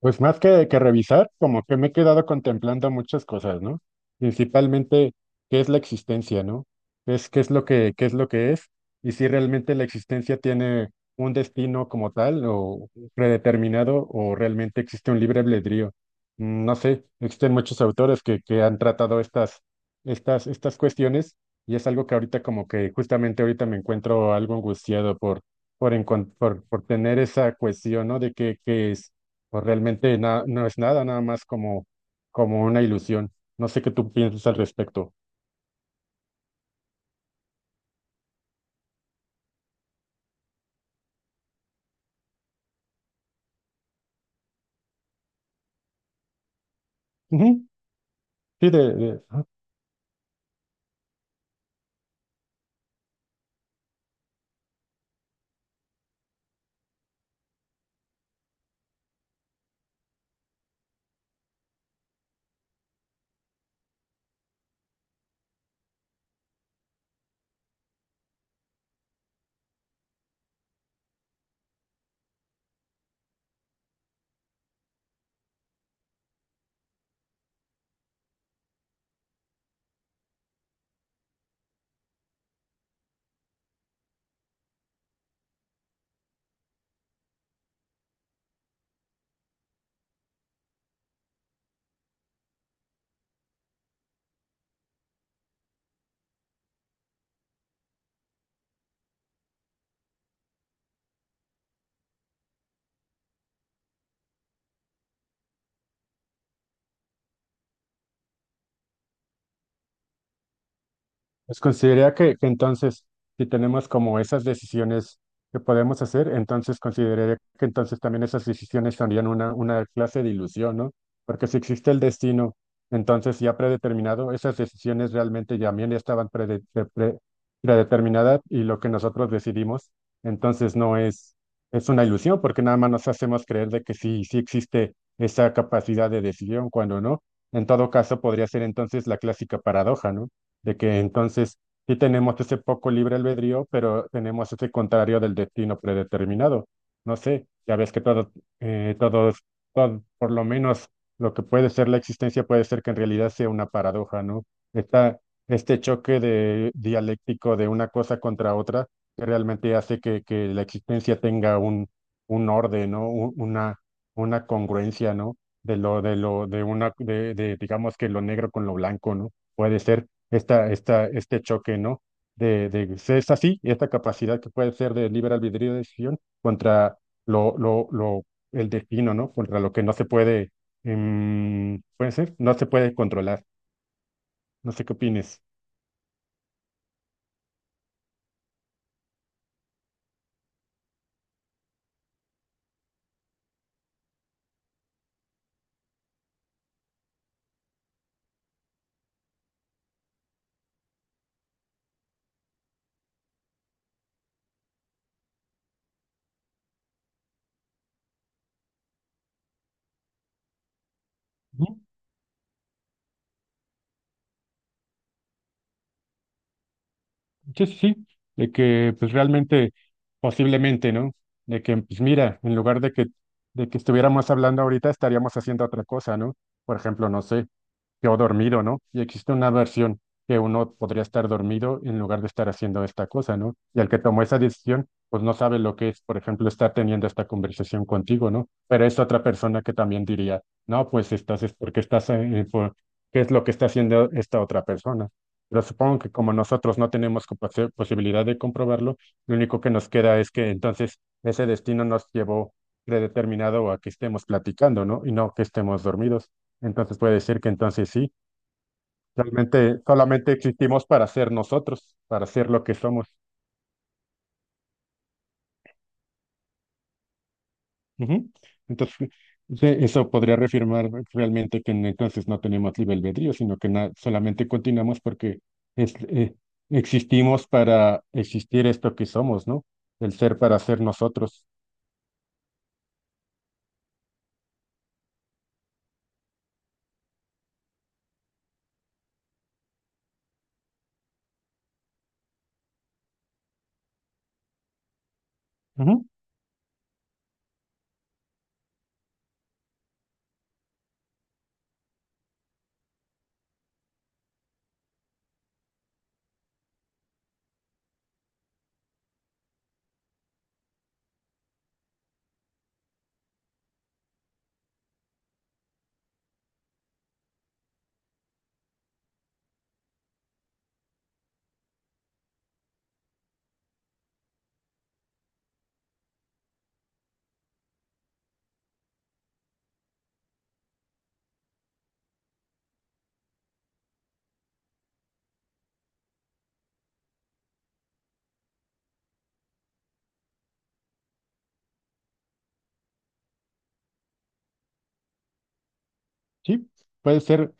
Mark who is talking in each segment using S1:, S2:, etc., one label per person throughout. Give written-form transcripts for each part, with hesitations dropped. S1: Pues más que revisar, como que me he quedado contemplando muchas cosas, ¿no? Principalmente, ¿qué es la existencia, ¿no? ¿Qué es, qué es lo que es? Y si realmente la existencia tiene un destino como tal o predeterminado o realmente existe un libre albedrío. No sé, existen muchos autores que han tratado estas cuestiones y es algo que ahorita como que justamente ahorita me encuentro algo angustiado por tener esa cuestión, ¿no? De qué, qué es o realmente no es nada, nada más como, como una ilusión. No sé qué tú piensas al respecto. Ujú. Sí, Pues consideraría que entonces, si tenemos como esas decisiones que podemos hacer, entonces consideraría que entonces también esas decisiones serían una clase de ilusión, ¿no? Porque si existe el destino, entonces ya predeterminado, esas decisiones realmente ya también estaban predeterminadas y lo que nosotros decidimos, entonces no es, es una ilusión, porque nada más nos hacemos creer de que sí, sí existe esa capacidad de decisión, cuando no. En todo caso, podría ser entonces la clásica paradoja, ¿no? De que entonces sí tenemos ese poco libre albedrío, pero tenemos ese contrario del destino predeterminado. No sé, ya ves que todo eh, todos, por lo menos lo que puede ser la existencia puede ser que en realidad sea una paradoja, ¿no? Está este choque de, dialéctico de una cosa contra otra que realmente hace que la existencia tenga un orden, ¿no? Una congruencia, ¿no? De lo, de lo, de una, de, digamos que lo negro con lo blanco, ¿no? Puede ser este choque, ¿no? De ser es así, esta capacidad que puede ser de libre albedrío de decisión contra lo, lo, lo, el destino, ¿no? Contra lo que no se puede, puede ser, no se puede controlar. No sé qué opines. Ujú. Sí, sí, sí, de que pues realmente, posiblemente, ¿no? De que, pues mira, en lugar de que estuviéramos hablando ahorita, estaríamos haciendo otra cosa, ¿no? Por ejemplo, no sé quedó dormido, ¿no? Y existe una versión que uno podría estar dormido en lugar de estar haciendo esta cosa, ¿no? Y el que tomó esa decisión, pues no sabe lo que es, por ejemplo, estar teniendo esta conversación contigo, ¿no? Pero es otra persona que también diría, no, pues estás, es porque estás, ¿qué es lo que está haciendo esta otra persona? Pero supongo que como nosotros no tenemos como posibilidad de comprobarlo, lo único que nos queda es que entonces ese destino nos llevó predeterminado a que estemos platicando, ¿no? Y no que estemos dormidos. Entonces puede decir que entonces sí, realmente solamente existimos para ser nosotros, para ser lo que somos. Ujú. Entonces, sí, eso podría reafirmar realmente que entonces no tenemos libre albedrío, sino que solamente continuamos porque es, existimos para existir esto que somos, ¿no? El ser para ser nosotros. Ujú. Sí, puede ser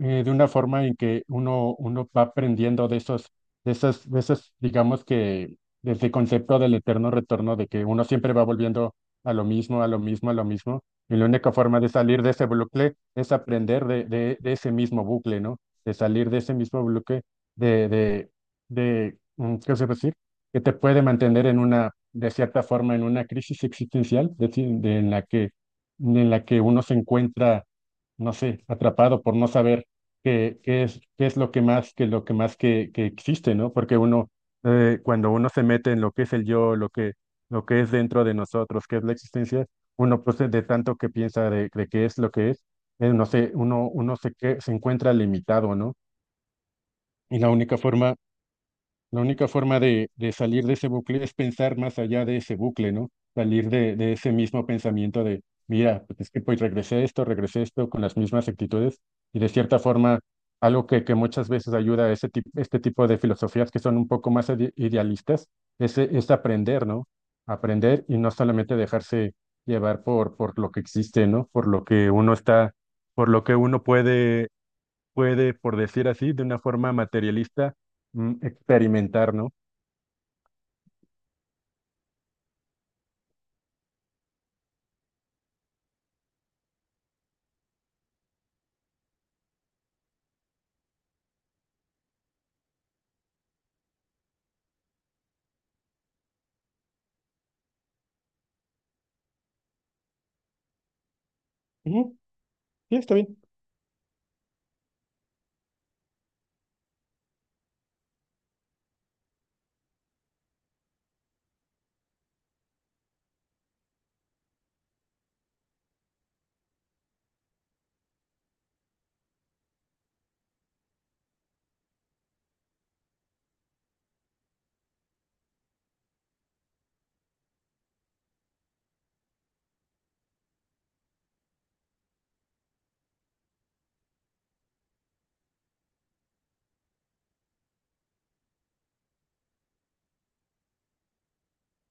S1: de una forma en que uno, uno va aprendiendo de esos, de esas, digamos que desde el concepto del eterno retorno, de que uno siempre va volviendo a lo mismo, a lo mismo, a lo mismo, y la única forma de salir de ese bucle es aprender de ese mismo bucle, ¿no? De salir de ese mismo bucle, de, de, ¿qué se puede decir? Que te puede mantener en una, de cierta forma, en una crisis existencial, es decir, en la que uno se encuentra no sé, atrapado por no saber qué, qué es lo que más, que lo que más que existe, ¿no? Porque uno, cuando uno se mete en lo que es el yo, lo que es dentro de nosotros, qué es la existencia, uno pues de tanto que piensa de qué es lo que es, no sé, uno se encuentra limitado, ¿no? Y la única forma, la única forma de salir de ese bucle es pensar más allá de ese bucle, ¿no? Salir de ese mismo pensamiento de, mira, pues es que pues regresé a esto con las mismas actitudes y de cierta forma algo que muchas veces ayuda a ese este tipo de filosofías que son un poco más idealistas es aprender, ¿no? Aprender y no solamente dejarse llevar por lo que existe, ¿no? Por lo que uno está, por lo que uno puede, por decir así, de una forma materialista, experimentar, ¿no? Ujú. Sí, está bien.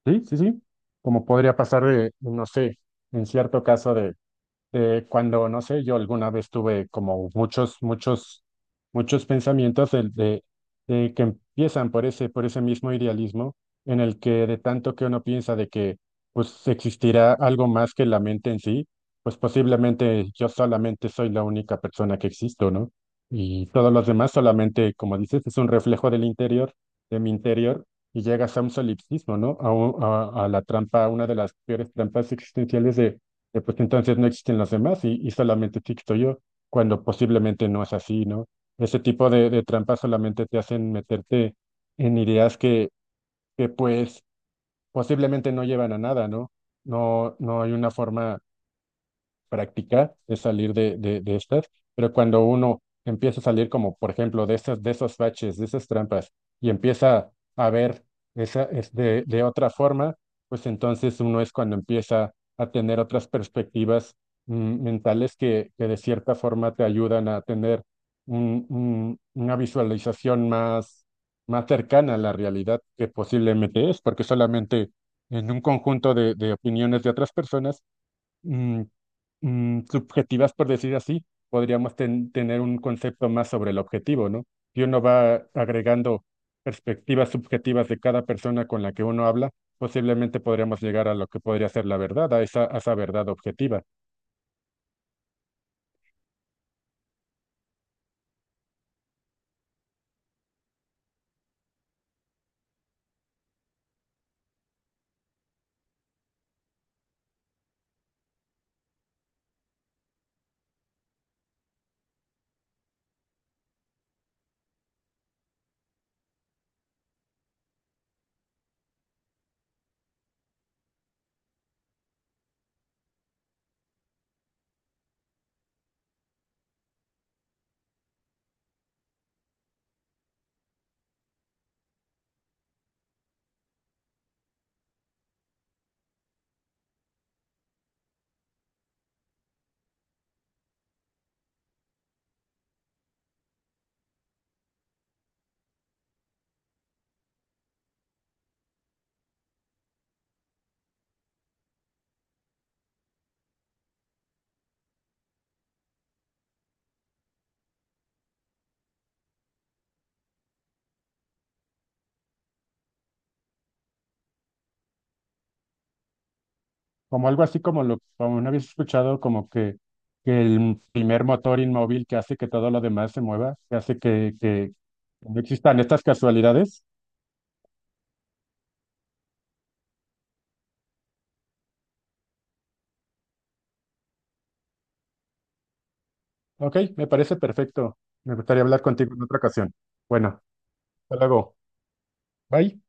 S1: Sí, sí, sí. Como podría pasar, no sé, en cierto caso de no sé, yo alguna vez tuve como muchos pensamientos de que empiezan por ese mismo idealismo en el que de tanto que uno piensa de que pues existirá algo más que la mente en sí, pues posiblemente yo solamente soy la única persona que existo, ¿no? Y todos los demás solamente, como dices, es un reflejo del interior, de mi interior, y llegas a un solipsismo, ¿no? A, a la trampa, una de las peores trampas existenciales de pues entonces no existen los demás y solamente existo yo, cuando posiblemente no es así, ¿no? Ese tipo de trampas solamente te hacen meterte en ideas que pues posiblemente no llevan a nada, ¿no? No, no hay una forma practicar es salir de estas, pero cuando uno empieza a salir como, por ejemplo, de esas, de esos baches, de esas trampas, y empieza a ver esa, es de otra forma, pues entonces uno es cuando empieza a tener otras perspectivas mentales que de cierta forma te ayudan a tener una visualización más, más cercana a la realidad que posiblemente es, porque solamente en un conjunto de opiniones de otras personas, mm, subjetivas, por decir así, podríamos tener un concepto más sobre el objetivo, ¿no? Si uno va agregando perspectivas subjetivas de cada persona con la que uno habla, posiblemente podríamos llegar a lo que podría ser la verdad, a esa verdad objetiva. Como algo así como lo como una vez escuchado, como que el primer motor inmóvil que hace que todo lo demás se mueva, que hace que no existan estas casualidades. Ok, me parece perfecto. Me gustaría hablar contigo en otra ocasión. Bueno. Hasta luego. Bye.